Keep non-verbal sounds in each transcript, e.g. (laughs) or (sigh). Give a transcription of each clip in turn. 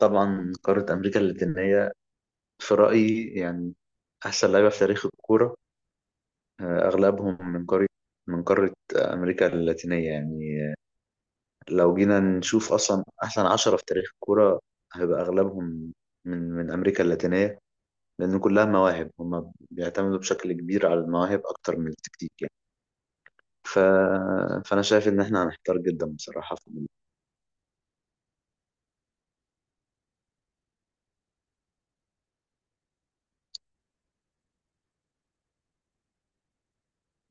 طبعا قارة أمريكا اللاتينية في رأيي يعني أحسن لعيبة في تاريخ الكورة. أغلبهم من قارة أمريكا اللاتينية يعني. لو جينا نشوف أصلا أحسن 10 في تاريخ الكورة هيبقى أغلبهم من أمريكا اللاتينية، لأن كلها مواهب، هما بيعتمدوا بشكل كبير على المواهب أكتر من التكتيك يعني. ف... فأنا شايف إن إحنا هنحتار جدا بصراحة في الموضوع.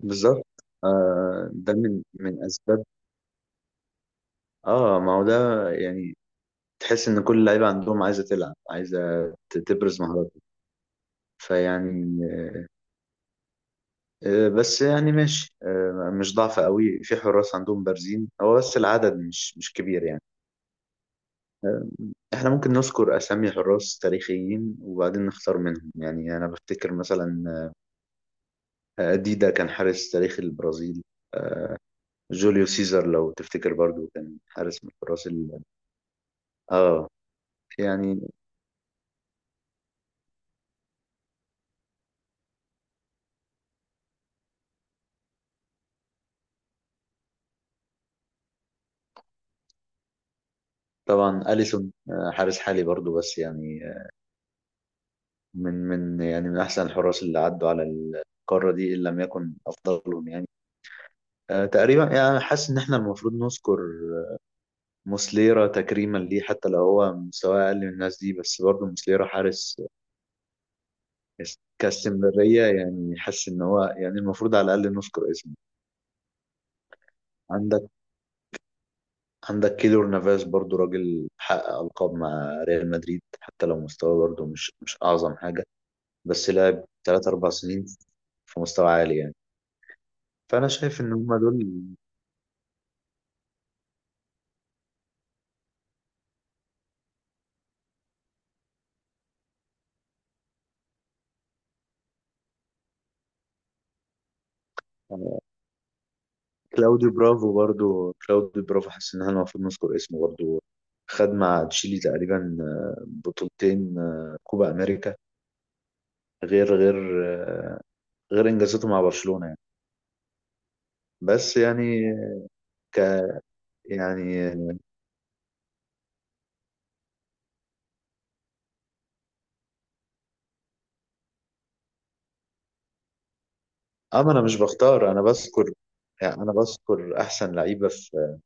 بالظبط. ده من أسباب. ما هو ده يعني، تحس ان كل اللعيبه عندهم عايزه تلعب، عايزه تبرز مهاراتها، فيعني بس يعني ماشي، مش ضعف قوي في حراس، عندهم بارزين، هو بس العدد مش كبير يعني. آه، احنا ممكن نذكر اسامي حراس تاريخيين وبعدين نختار منهم، يعني انا بفتكر مثلا ديدا كان حارس تاريخي البرازيل، جوليو سيزار لو تفتكر برضو كان حارس من الحراس اه يعني. طبعا اليسون حارس حالي برضو، بس يعني من يعني من احسن الحراس اللي عدوا على القاره دي ان لم يكن افضلهم يعني. تقريبا يعني حاسس ان احنا المفروض نذكر موسليرا تكريما ليه، حتى لو هو مستواه اقل من الناس دي، بس برضه موسليرا حارس كاستمراريه، يعني حاسس ان هو يعني المفروض على الاقل نذكر اسمه. عندك عندك كيلور نافاس برضه، راجل حقق القاب مع ريال مدريد حتى لو مستواه برضه مش اعظم حاجه، بس لعب 3 4 سنين في مستوى عالي يعني، فانا شايف ان هم دول. كلاوديو برافو برضو، كلاوديو برافو حاسس ان احنا المفروض نذكر اسمه برضو، خد مع تشيلي تقريبا بطولتين، كوبا امريكا، غير غير آه، غير انجازاته مع برشلونة يعني. بس يعني ك يعني اما انا مش بختار، انا بذكر، يعني انا بذكر احسن لعيبة في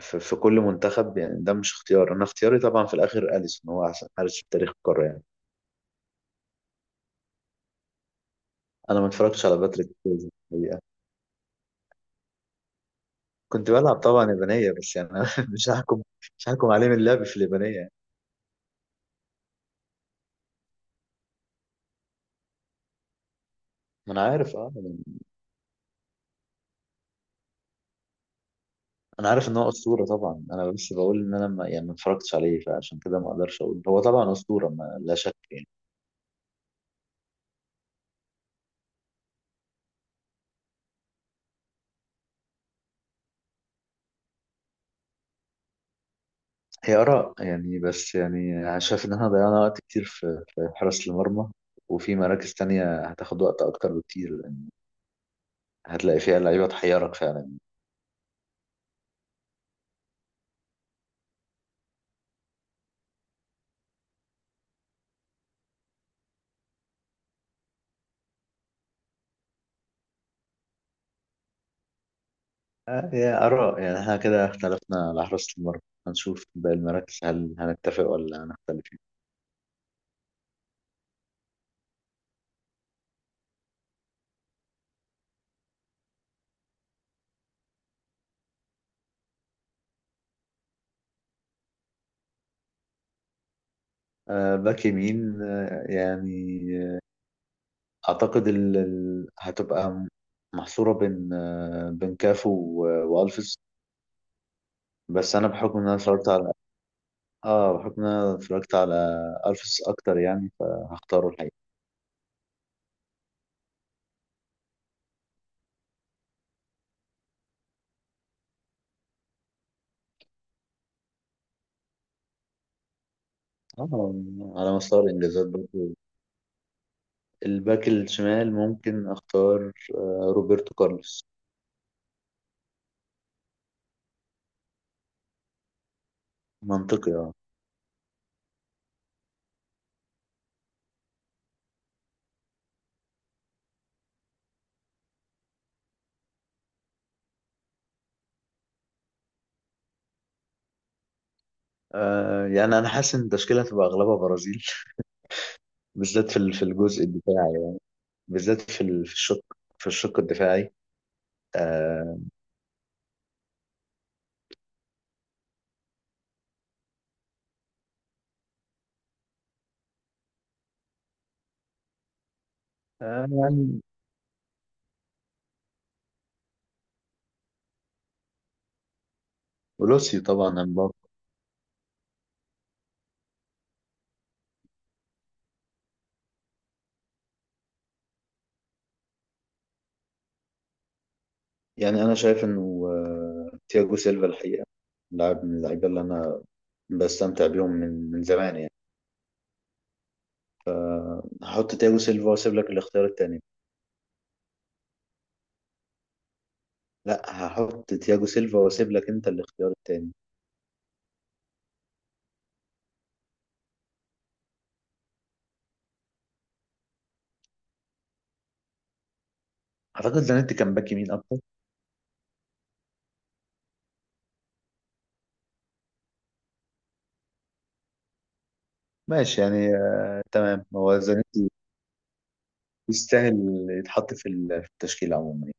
في كل منتخب، يعني ده مش اختيار، انا اختياري طبعا في الاخر اليسون هو احسن حارس في تاريخ القارة يعني. انا ما اتفرجتش على باتريك فيز، كنت بلعب طبعا يابانية، بس يعني أنا (laughs) مش هحكم مش هحكم عليه من اللعب في اليابانية يعني. ما انا عارف يعني، انا عارف ان هو اسطوره طبعا، انا بس بقول ان انا ما يعني ما اتفرجتش عليه، فعشان كده ما اقدرش اقول. هو طبعا اسطوره ما لا شك يعني. هي اراء يعني، بس يعني أنا شايف ان احنا ضيعنا وقت كتير في حراسه المرمى، وفي مراكز تانية هتاخد وقت اكتر بكتير يعني، هتلاقي فيها لعيبه تحيرك فعلا. هي اراء يعني، احنا كده اختلفنا على حراسه المرمى، هنشوف باقي المراكز هل هنتفق ولا هنختلف يعني. باك يمين، يعني اعتقد هتبقى محصوره بين بين كافو والفيس، بس انا بحكم ان انا اتفرجت على اه بحكم ان انا اتفرجت على الفيس اكتر يعني، فهختاره الحقيقه. اه، على مستوى الانجازات برضه. الباك الشمال ممكن اختار روبرتو كارلوس. منطقي. يعني انا حاسس ان التشكيله هتبقى اغلبها برازيل، (laughs) بالذات في الجزء الدفاعي، بالذات في الشق، في الشق الدفاعي. آه، آم، ولوسيو طبعا، امبابي. يعني انا شايف انه تياجو سيلفا الحقيقه لاعب من اللعيبه اللي انا بستمتع بيهم من زمان يعني، هحط تياجو سيلفا واسيب لك الاختيار التاني. لا، هحط تياجو سيلفا واسيب لك انت الاختيار التاني. اعتقد زانيتي كان باك يمين اكتر. ماشي يعني. تمام، هو زانيتي يستاهل يتحط في التشكيل عموما يعني.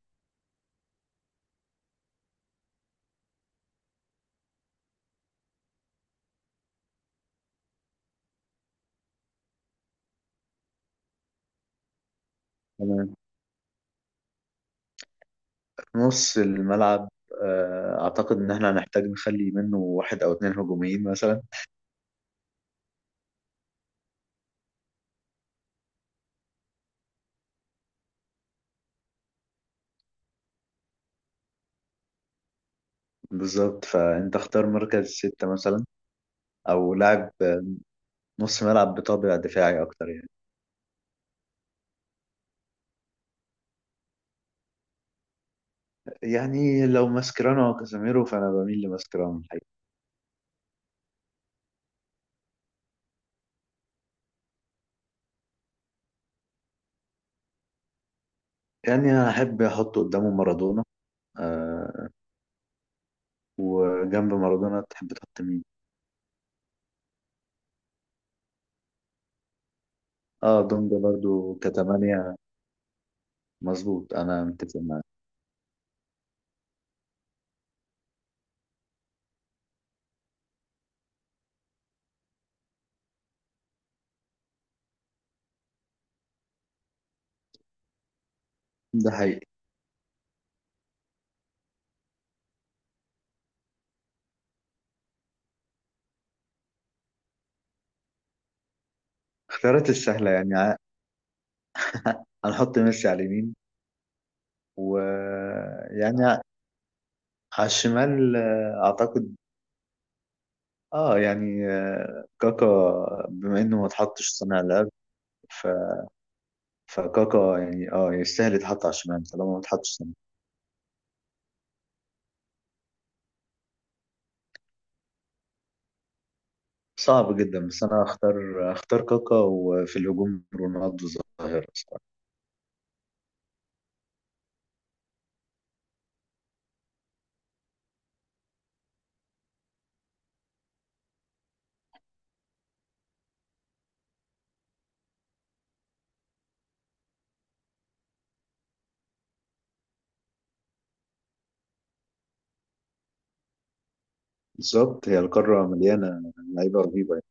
تمام. في نص الملعب اعتقد ان احنا هنحتاج نخلي منه واحد او اتنين هجوميين مثلا. بالظبط، فانت اختار مركز 6 مثلا او لاعب نص ملعب بطابع دفاعي اكتر يعني. يعني لو ماسكيرانو او كازاميرو فانا بميل لماسكيرانو الحقيقة. يعني انا احب احط قدامه مارادونا، آه وجنب مارادونا تحب تحط مين؟ اه، دونجا برضو كتمانية. مظبوط، انا متفق معاك. ده حقيقي. اختيارات السهلة يعني، (laughs) هنحط ميسي على اليمين، ويعني على الشمال اعتقد. اه يعني كاكا، بما انه ما اتحطش صانع لعب. ف... فكاكا يعني يستاهل يتحط على الشمال طالما ما اتحطش صانع. صعب جدا، بس انا هختار كاكا، وفي الهجوم رونالدو ظاهرة صراحة. بالظبط، هي القارة مليانة لعيبة رهيبة